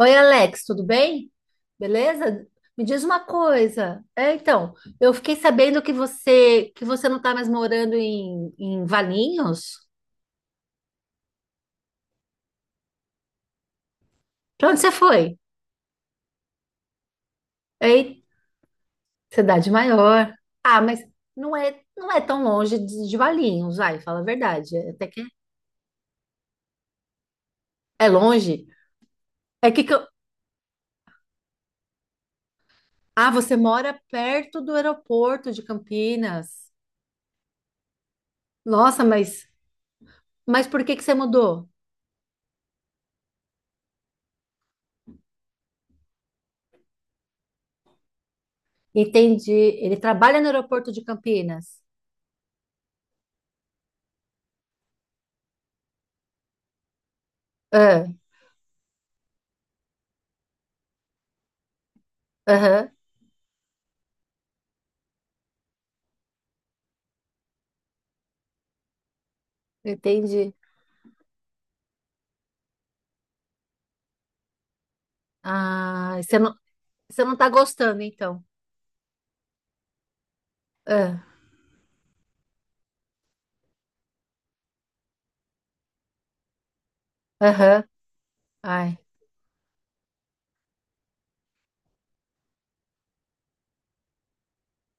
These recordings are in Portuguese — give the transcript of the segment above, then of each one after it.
Oi, Alex, tudo bem? Beleza? Me diz uma coisa. Eu fiquei sabendo que você não está mais morando em Valinhos. Para onde você foi? Ei, cidade maior. Ah, mas não é tão longe de Valinhos, vai, fala a verdade. É até que é longe. É que, que eu... Ah, você mora perto do aeroporto de Campinas. Nossa, mas por que que você mudou? Entendi. Ele trabalha no aeroporto de Campinas. Aham, entendi. Ah, você não tá gostando, então. Ah, aham, ai,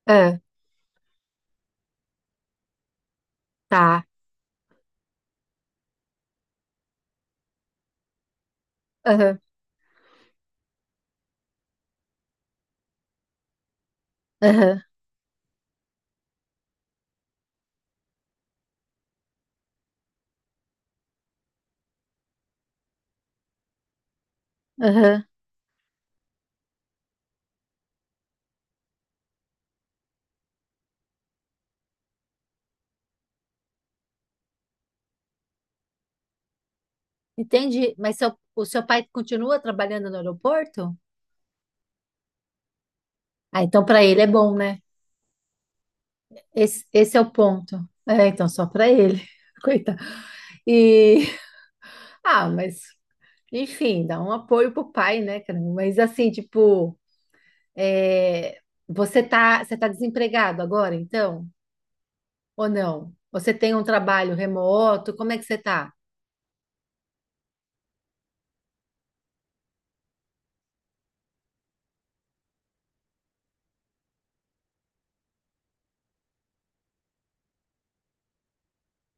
ah, tá. Aham, aham, aham. Entendi. Mas o seu pai continua trabalhando no aeroporto? Ah, então para ele é bom, né? Esse é o ponto. É, então só para ele. Coitado. E, ah, mas, enfim, dá um apoio pro pai, né, cara? Mas assim, tipo, é, você tá desempregado agora, então? Ou não? Você tem um trabalho remoto? Como é que você tá?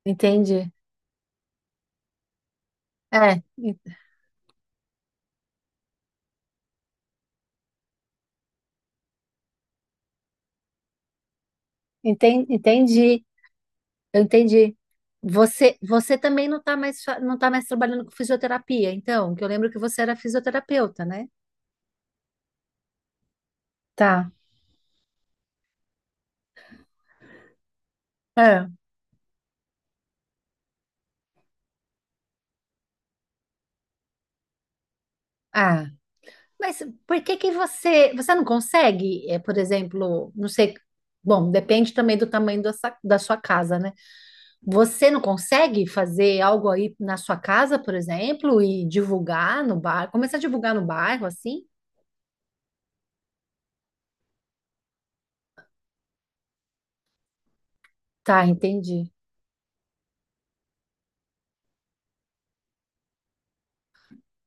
Entendi. É, en- entendi, eu entendi. Você também não tá mais, não tá mais trabalhando com fisioterapia, então, que eu lembro que você era fisioterapeuta, né? Tá. É. Ah, mas por que que você não consegue, é, por exemplo, não sei, bom, depende também do tamanho da da sua casa, né? Você não consegue fazer algo aí na sua casa, por exemplo, e divulgar no bairro? Começar a divulgar no bairro, assim? Tá, entendi.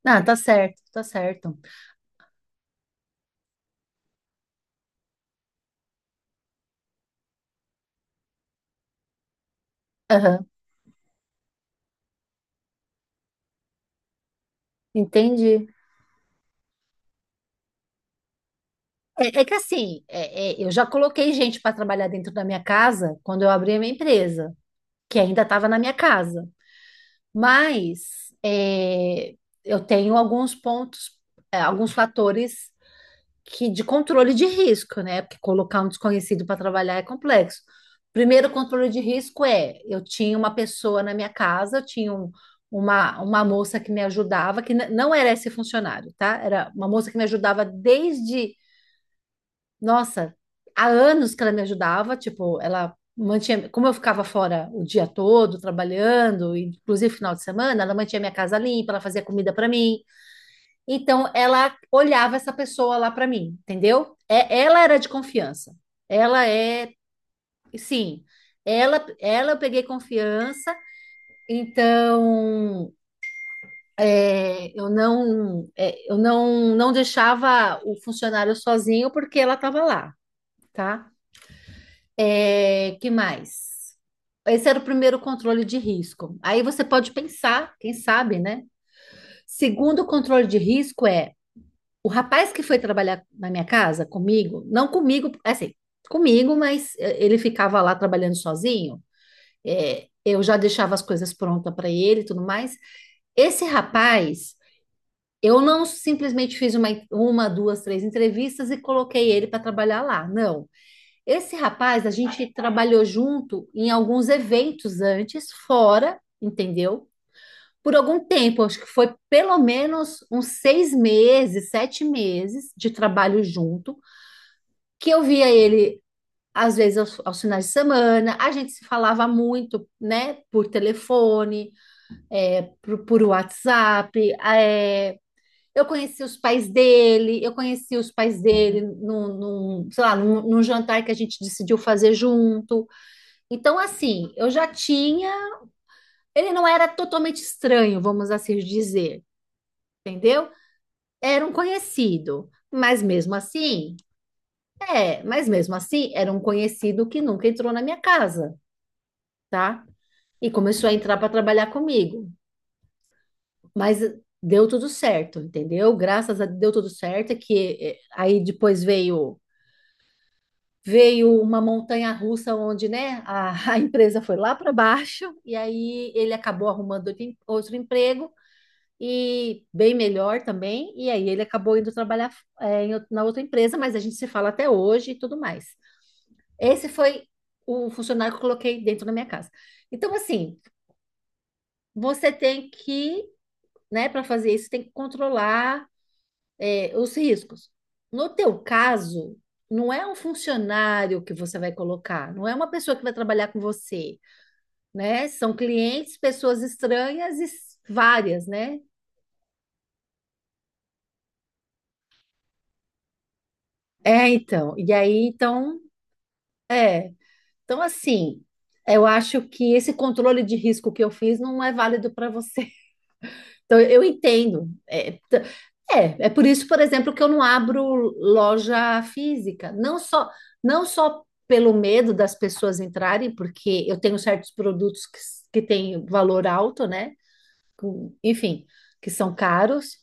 Ah, tá certo, tá certo. Aham, entendi. É, é que assim, eu já coloquei gente para trabalhar dentro da minha casa quando eu abri a minha empresa, que ainda estava na minha casa. Mas é, eu tenho alguns pontos, é, alguns fatores que de controle de risco, né? Porque colocar um desconhecido para trabalhar é complexo. Primeiro controle de risco é, eu tinha uma pessoa na minha casa, eu tinha uma moça que me ajudava, que não era esse funcionário, tá? Era uma moça que me ajudava desde, nossa, há anos que ela me ajudava, tipo, ela mantinha, como eu ficava fora o dia todo trabalhando, inclusive final de semana, ela mantinha minha casa limpa, ela fazia comida para mim, então ela olhava essa pessoa lá para mim, entendeu? É, ela era de confiança. Ela é, sim, ela eu peguei confiança. Então eu não, não deixava o funcionário sozinho porque ela estava lá, tá? É, que mais? Esse era o primeiro controle de risco. Aí você pode pensar, quem sabe, né? Segundo controle de risco é o rapaz que foi trabalhar na minha casa comigo, não comigo, assim, comigo, mas ele ficava lá trabalhando sozinho. Eu já deixava as coisas prontas para ele e tudo mais. Esse rapaz, eu não simplesmente fiz duas, três entrevistas e coloquei ele para trabalhar lá. Não. Esse rapaz, a gente trabalhou junto em alguns eventos antes, fora, entendeu? Por algum tempo, acho que foi pelo menos uns seis meses, sete meses de trabalho junto que eu via ele às vezes aos finais de semana, a gente se falava muito, né, por telefone, por WhatsApp, é, eu conheci os pais dele num num, jantar que a gente decidiu fazer junto. Então, assim, eu já tinha. Ele não era totalmente estranho, vamos assim dizer, entendeu? Era um conhecido. Mas mesmo assim, era um conhecido que nunca entrou na minha casa, tá? E começou a entrar para trabalhar comigo. Mas deu tudo certo, entendeu? Graças a Deus deu tudo certo, que aí depois veio uma montanha russa onde, né, a, a empresa foi lá para baixo e aí ele acabou arrumando outro emprego e bem melhor também, e aí ele acabou indo trabalhar na outra empresa, mas a gente se fala até hoje e tudo mais. Esse foi o funcionário que eu coloquei dentro da minha casa. Então, assim, você tem que né? Para fazer isso, tem que controlar, é, os riscos. No teu caso, não é um funcionário que você vai colocar, não é uma pessoa que vai trabalhar com você, né? São clientes, pessoas estranhas e várias, né? É, então. E aí, então, é. Então, assim, eu acho que esse controle de risco que eu fiz não é válido para você. Então, eu entendo. É por isso, por exemplo, que eu não abro loja física. Não só pelo medo das pessoas entrarem, porque eu tenho certos produtos que, que têm valor alto, né? Enfim, que são caros.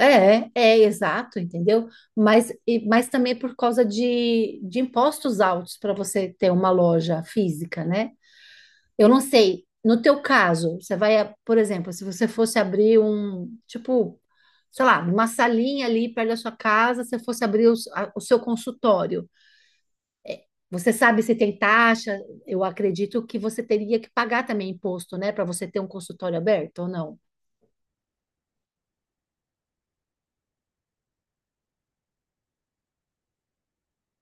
É, é exato, entendeu? Mas, mas também por causa de impostos altos para você ter uma loja física, né? Eu não sei. No teu caso, você vai, por exemplo, se você fosse abrir um, tipo, sei lá, uma salinha ali perto da sua casa, se você fosse abrir o seu consultório, você sabe se tem taxa? Eu acredito que você teria que pagar também imposto, né, para você ter um consultório aberto ou não?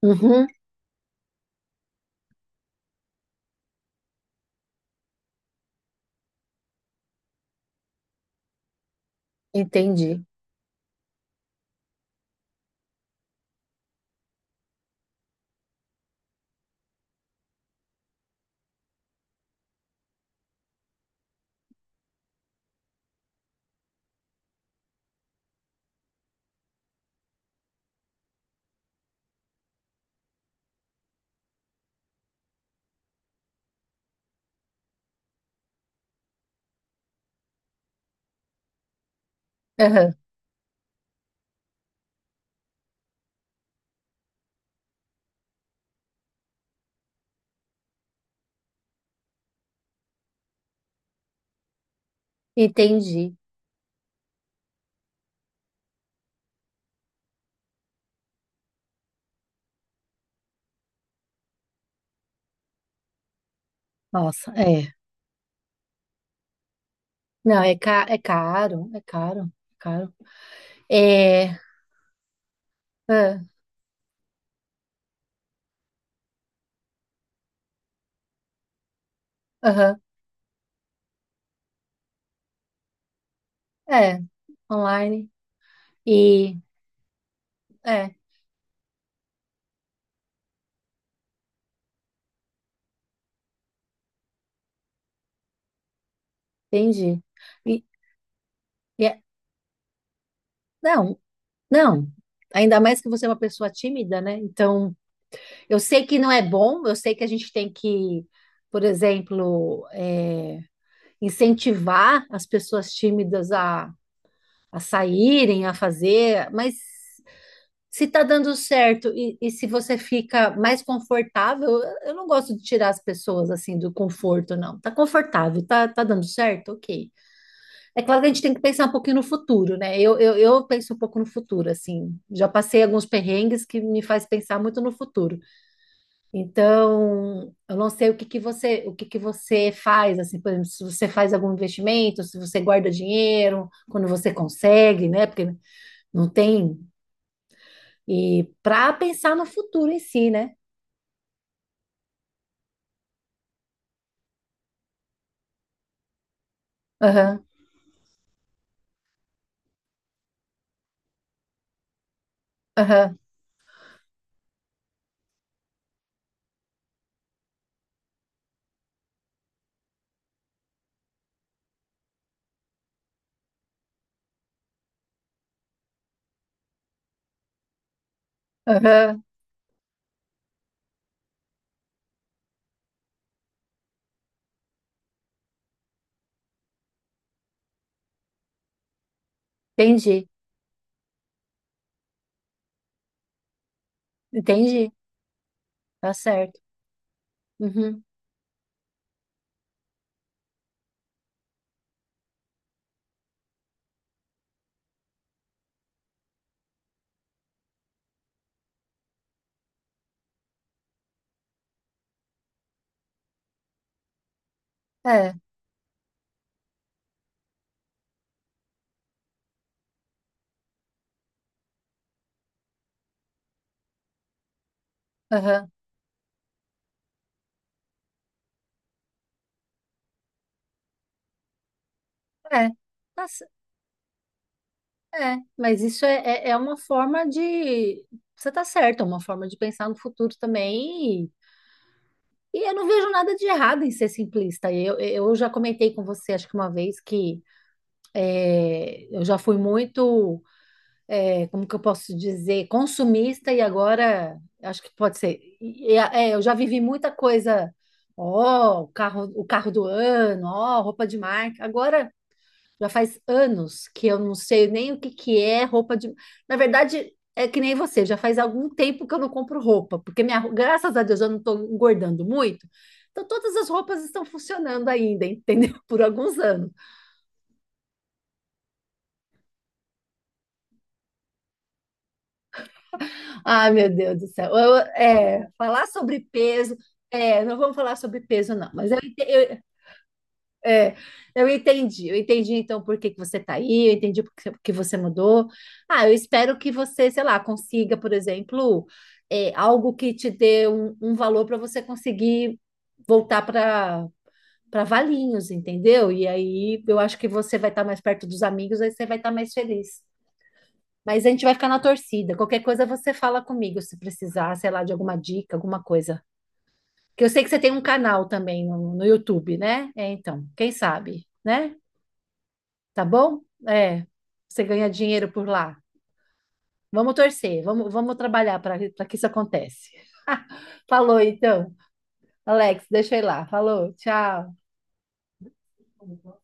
Uhum, entendi. Aham, entendi. Nossa, é. Não, é, ca é caro, é caro, é caro. É, ah, aham, é, online e é. Entendi. E, e é- não, não. Ainda mais que você é uma pessoa tímida, né? Então, eu sei que não é bom, eu sei que a gente tem que, por exemplo, é, incentivar as pessoas tímidas a saírem, a fazer, mas se tá dando certo e se você fica mais confortável, eu não gosto de tirar as pessoas assim do conforto, não. Tá confortável, tá, tá dando certo? Ok. É claro que a gente tem que pensar um pouquinho no futuro, né? Eu penso um pouco no futuro, assim. Já passei alguns perrengues que me faz pensar muito no futuro. Então, eu não sei o que que você faz, assim, por exemplo, se você faz algum investimento, se você guarda dinheiro, quando você consegue, né? Porque não tem. E para pensar no futuro em si, né? Aham, aham, aham. Entendi, entendi. Tá certo. Uhum. É, aham, é. Tá. É, mas isso é, é uma forma de. Você está certo, é uma forma de pensar no futuro também. E eu não vejo nada de errado em ser simplista. Eu já comentei com você, acho que uma vez, que é, eu já fui muito, é, como que eu posso dizer, consumista e agora acho que pode ser. É, eu já vivi muita coisa, ó, o carro do ano, ó, roupa de marca. Agora. Já faz anos que eu não sei nem o que que é roupa de. Na verdade, é que nem você, já faz algum tempo que eu não compro roupa, porque minha, graças a Deus eu não estou engordando muito. Então todas as roupas estão funcionando ainda, entendeu? Por alguns anos. Ah, meu Deus do céu. É, falar sobre peso, é, não vamos falar sobre peso não, mas é, eu entendi então por que que você está aí, eu entendi por que você mudou. Ah, eu espero que você, sei lá, consiga, por exemplo, é, algo que te dê um valor para você conseguir voltar para Valinhos, entendeu? E aí eu acho que você vai estar mais perto dos amigos, aí você vai estar mais feliz. Mas a gente vai ficar na torcida. Qualquer coisa você fala comigo se precisar, sei lá, de alguma dica, alguma coisa. Que eu sei que você tem um canal também no YouTube, né? É, então, quem sabe, né? Tá bom? É, você ganha dinheiro por lá. Vamos torcer, vamos trabalhar para que isso aconteça. Falou, então. Alex, deixa eu ir lá. Falou, tchau.